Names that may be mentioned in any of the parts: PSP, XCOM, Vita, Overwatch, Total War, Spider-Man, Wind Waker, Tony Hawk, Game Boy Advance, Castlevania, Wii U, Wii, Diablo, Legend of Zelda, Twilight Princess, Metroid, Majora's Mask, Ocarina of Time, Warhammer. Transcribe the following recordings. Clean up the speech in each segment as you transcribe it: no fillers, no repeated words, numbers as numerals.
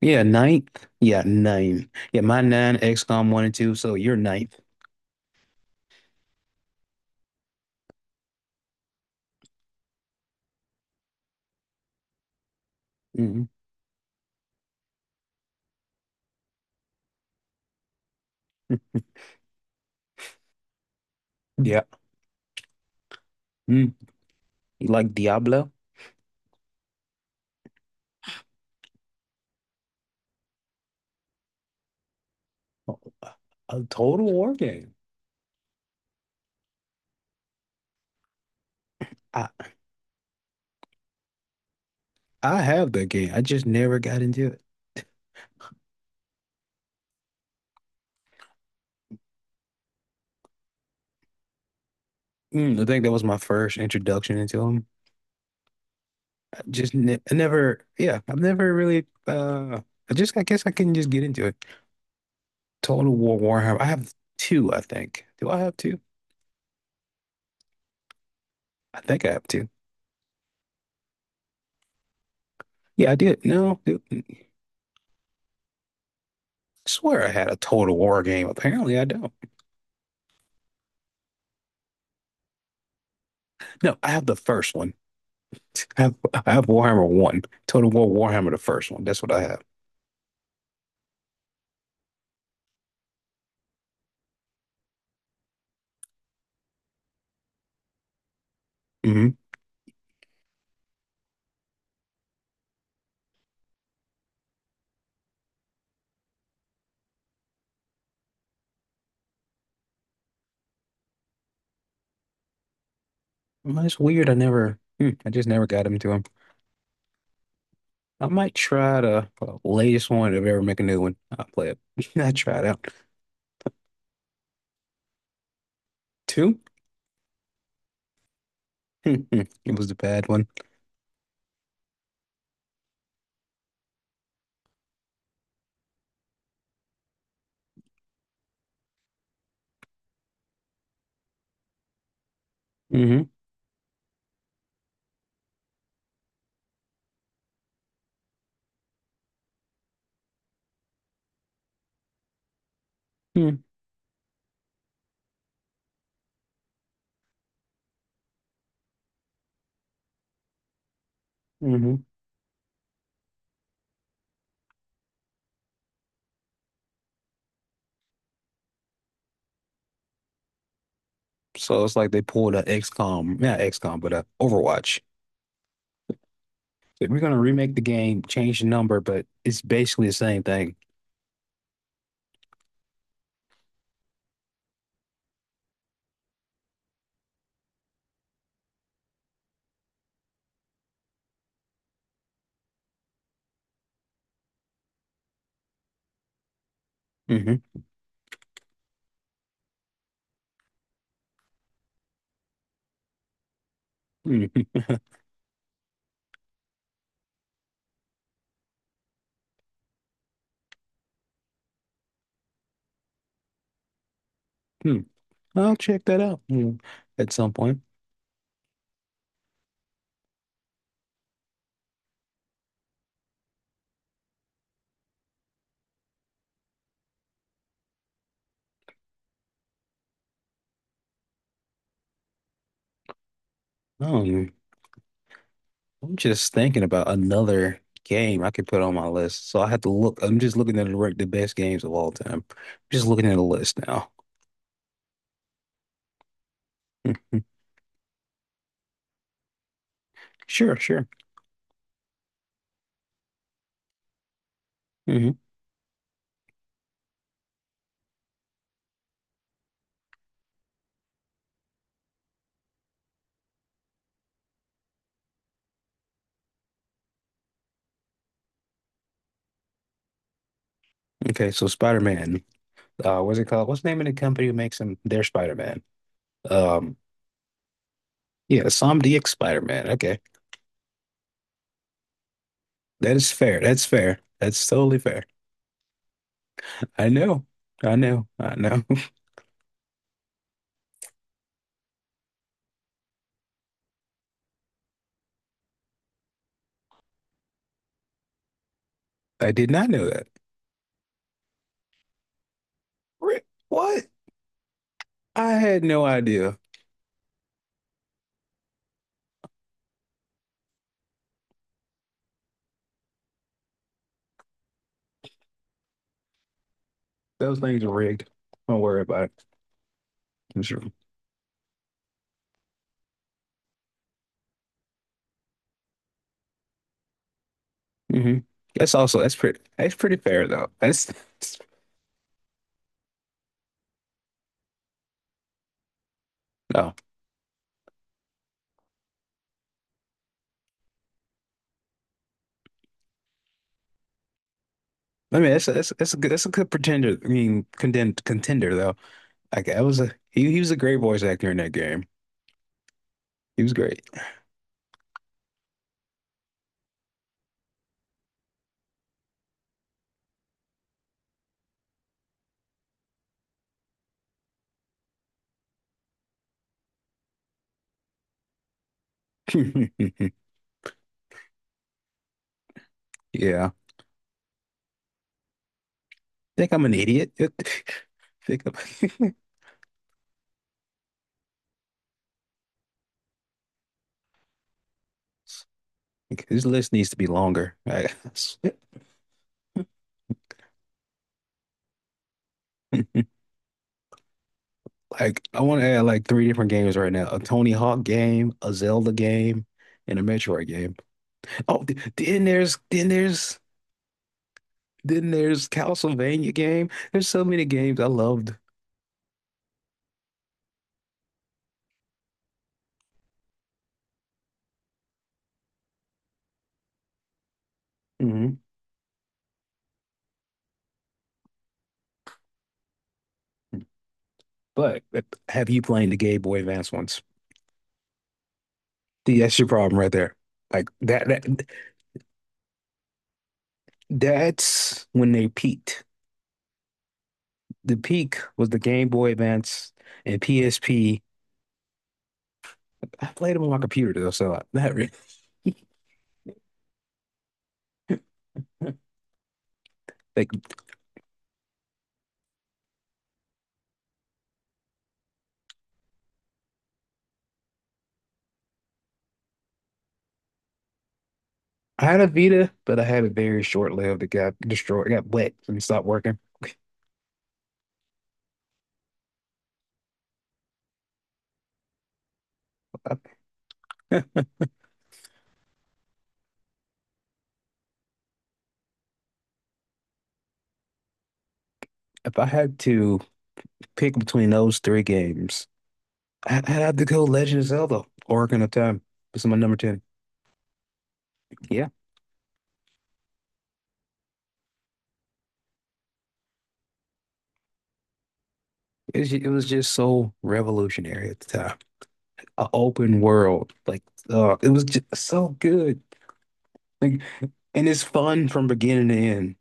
Yeah, ninth. Yeah, nine. Yeah, my nine, XCOM one and two. So you're ninth. Hmm. Yeah. Mm. You like Diablo? A Total War game. I I have that game. I just never got into it. I think that was my first introduction into them. I just ne I never, yeah, I've never really. I just, I guess I couldn't just get into it. Total War Warhammer. I have two, I think. Do I have two? I think I have two. Yeah, I did. No, dude, I swear I had a Total War game. Apparently, I don't. No, I have the first one. I have, I have Warhammer 1. Total War Warhammer, the first one. That's what I have. Hmm. It's weird. I never, I just never got into them. I might try the latest one if I ever make a new one. I'll play it. I tried out. Two? Hmm, hmm. It was the bad one. Mm-hmm. Hmm. Mm-hmm. So it's like they pulled a XCOM, not XCOM, but a Overwatch. Like, we're gonna remake the game, change the number, but it's basically the same thing. Hmm. Hmm. I'll check that out at some point. Oh, I'm just thinking about another game I could put on my list. So I have to look. I'm just looking at the rank the best games of all time. Just looking at a list now. Mhm. Sure, sure. hmm Okay, so Spider-Man. What's it called? What's the name of the company who makes him their Spider-Man? Um, yeah, Insomniac Spider-Man. Okay, that is fair. That's fair. That's totally fair. I know. I know. I know. I did not know that. Ri- What? I had no idea. Those things are rigged. Don't worry about it. It's r- hmm That's also, that's pretty fair though. That's, that's no. I mean that's a good pretender. I mean contender though. Like, that was he was a great voice actor in that game. He was great. Yeah. Think I'm an idiot. Think I'm, this list needs to be longer. I- Like, I want to add like three different games right now: a Tony Hawk game, a Zelda game, and a Metroid game. Oh, th- then there's then there's Then there's Castlevania game. There's so many games I loved. Hmm. But have you played the Game Boy Advance ones? See, that's your problem right there. Like, that's when they peaked. The peak was the Game Boy Advance and PSP. I played them on my computer though, so not really. Like, I had a Vita, but I had a very short lived. It got destroyed, it got wet and stopped working. If I had to pick between those three games, I had to go Legend of Zelda, Ocarina of Time. It's my number 10. Yeah, it was just so revolutionary at the time. A open world, like it was just so good. Like, and it's fun from beginning to end.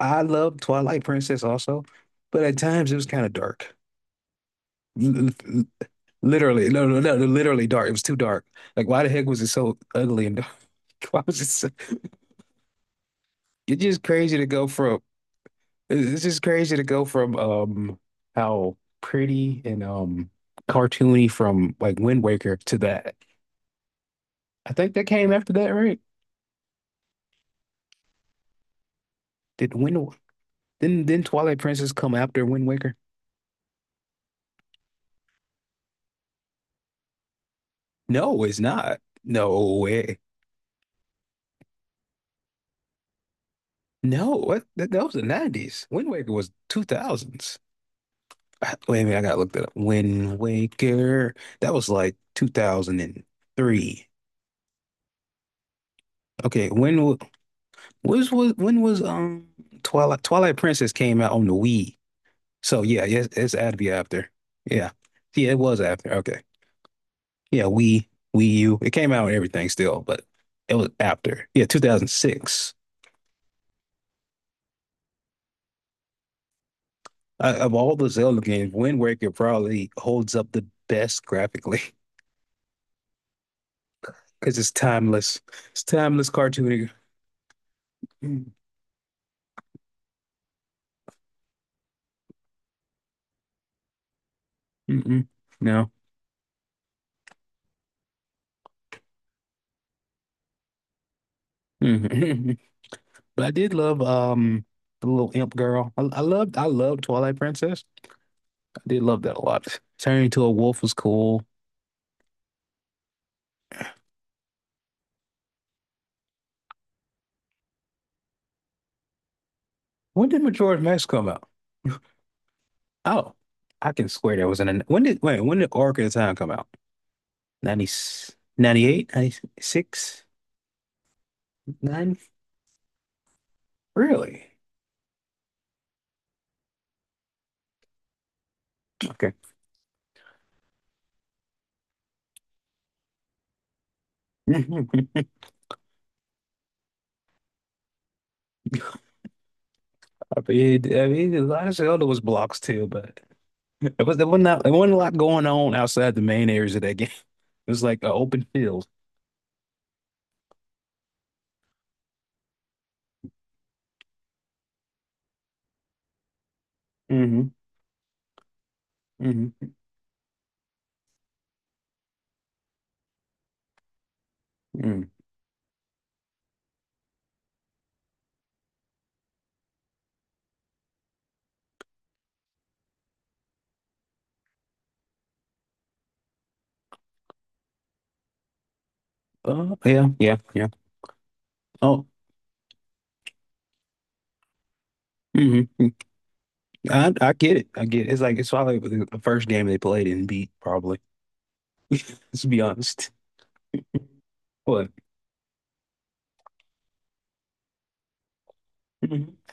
I love Twilight Princess also, but at times it was kind of dark. L- l- Literally, no, no, no, literally dark. It was too dark. Like, why the heck was it so ugly and dark? Why was it so? It's just crazy to go from it's just crazy to go from how pretty and cartoony from like Wind Waker to that. I think that came after that, right? Did Wind didn't Twilight Princess come after Wind Waker? No, it's not. No way. No, that was the 90s. Wind Waker was 2000s. Ah, wait a minute, I gotta look that up. Wind Waker. That was like 2003. Okay, when was Twilight Princess came out on the Wii? So yeah, it's had to be after. Yeah. Yeah, it was after. Okay. Yeah, Wii, Wii U, it came out and everything still, but it was after. Yeah, 2006. I, of all the Zelda games, Wind Waker probably holds up the best graphically because it's timeless. It's timeless cartooning. Mm. Mm-mm. No. Mm-mm. But I did love the little imp girl. I loved Twilight Princess. I did love that a lot. Turning into a wolf was cool. When did Majora's Mask come out? Oh, I can swear there was an when did Orc of the Time come out? 90, 9? Really? Okay. I mean, a lot of Zelda was blocks too, but it was there wasn't that, there wasn't a lot going on outside the main areas of that game. It was like an open field. Hmm. Hmm. Mm. Oh yeah, yeah, yeah. Oh, hmm I get it. I get it. It's like it's probably the first game they played and beat, probably. Let's be honest. What? Hmm.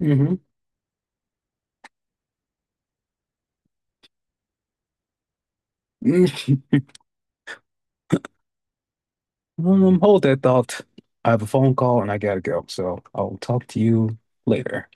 Hmm. Hold that thought. I have a phone call and I gotta go, so I'll talk to you later.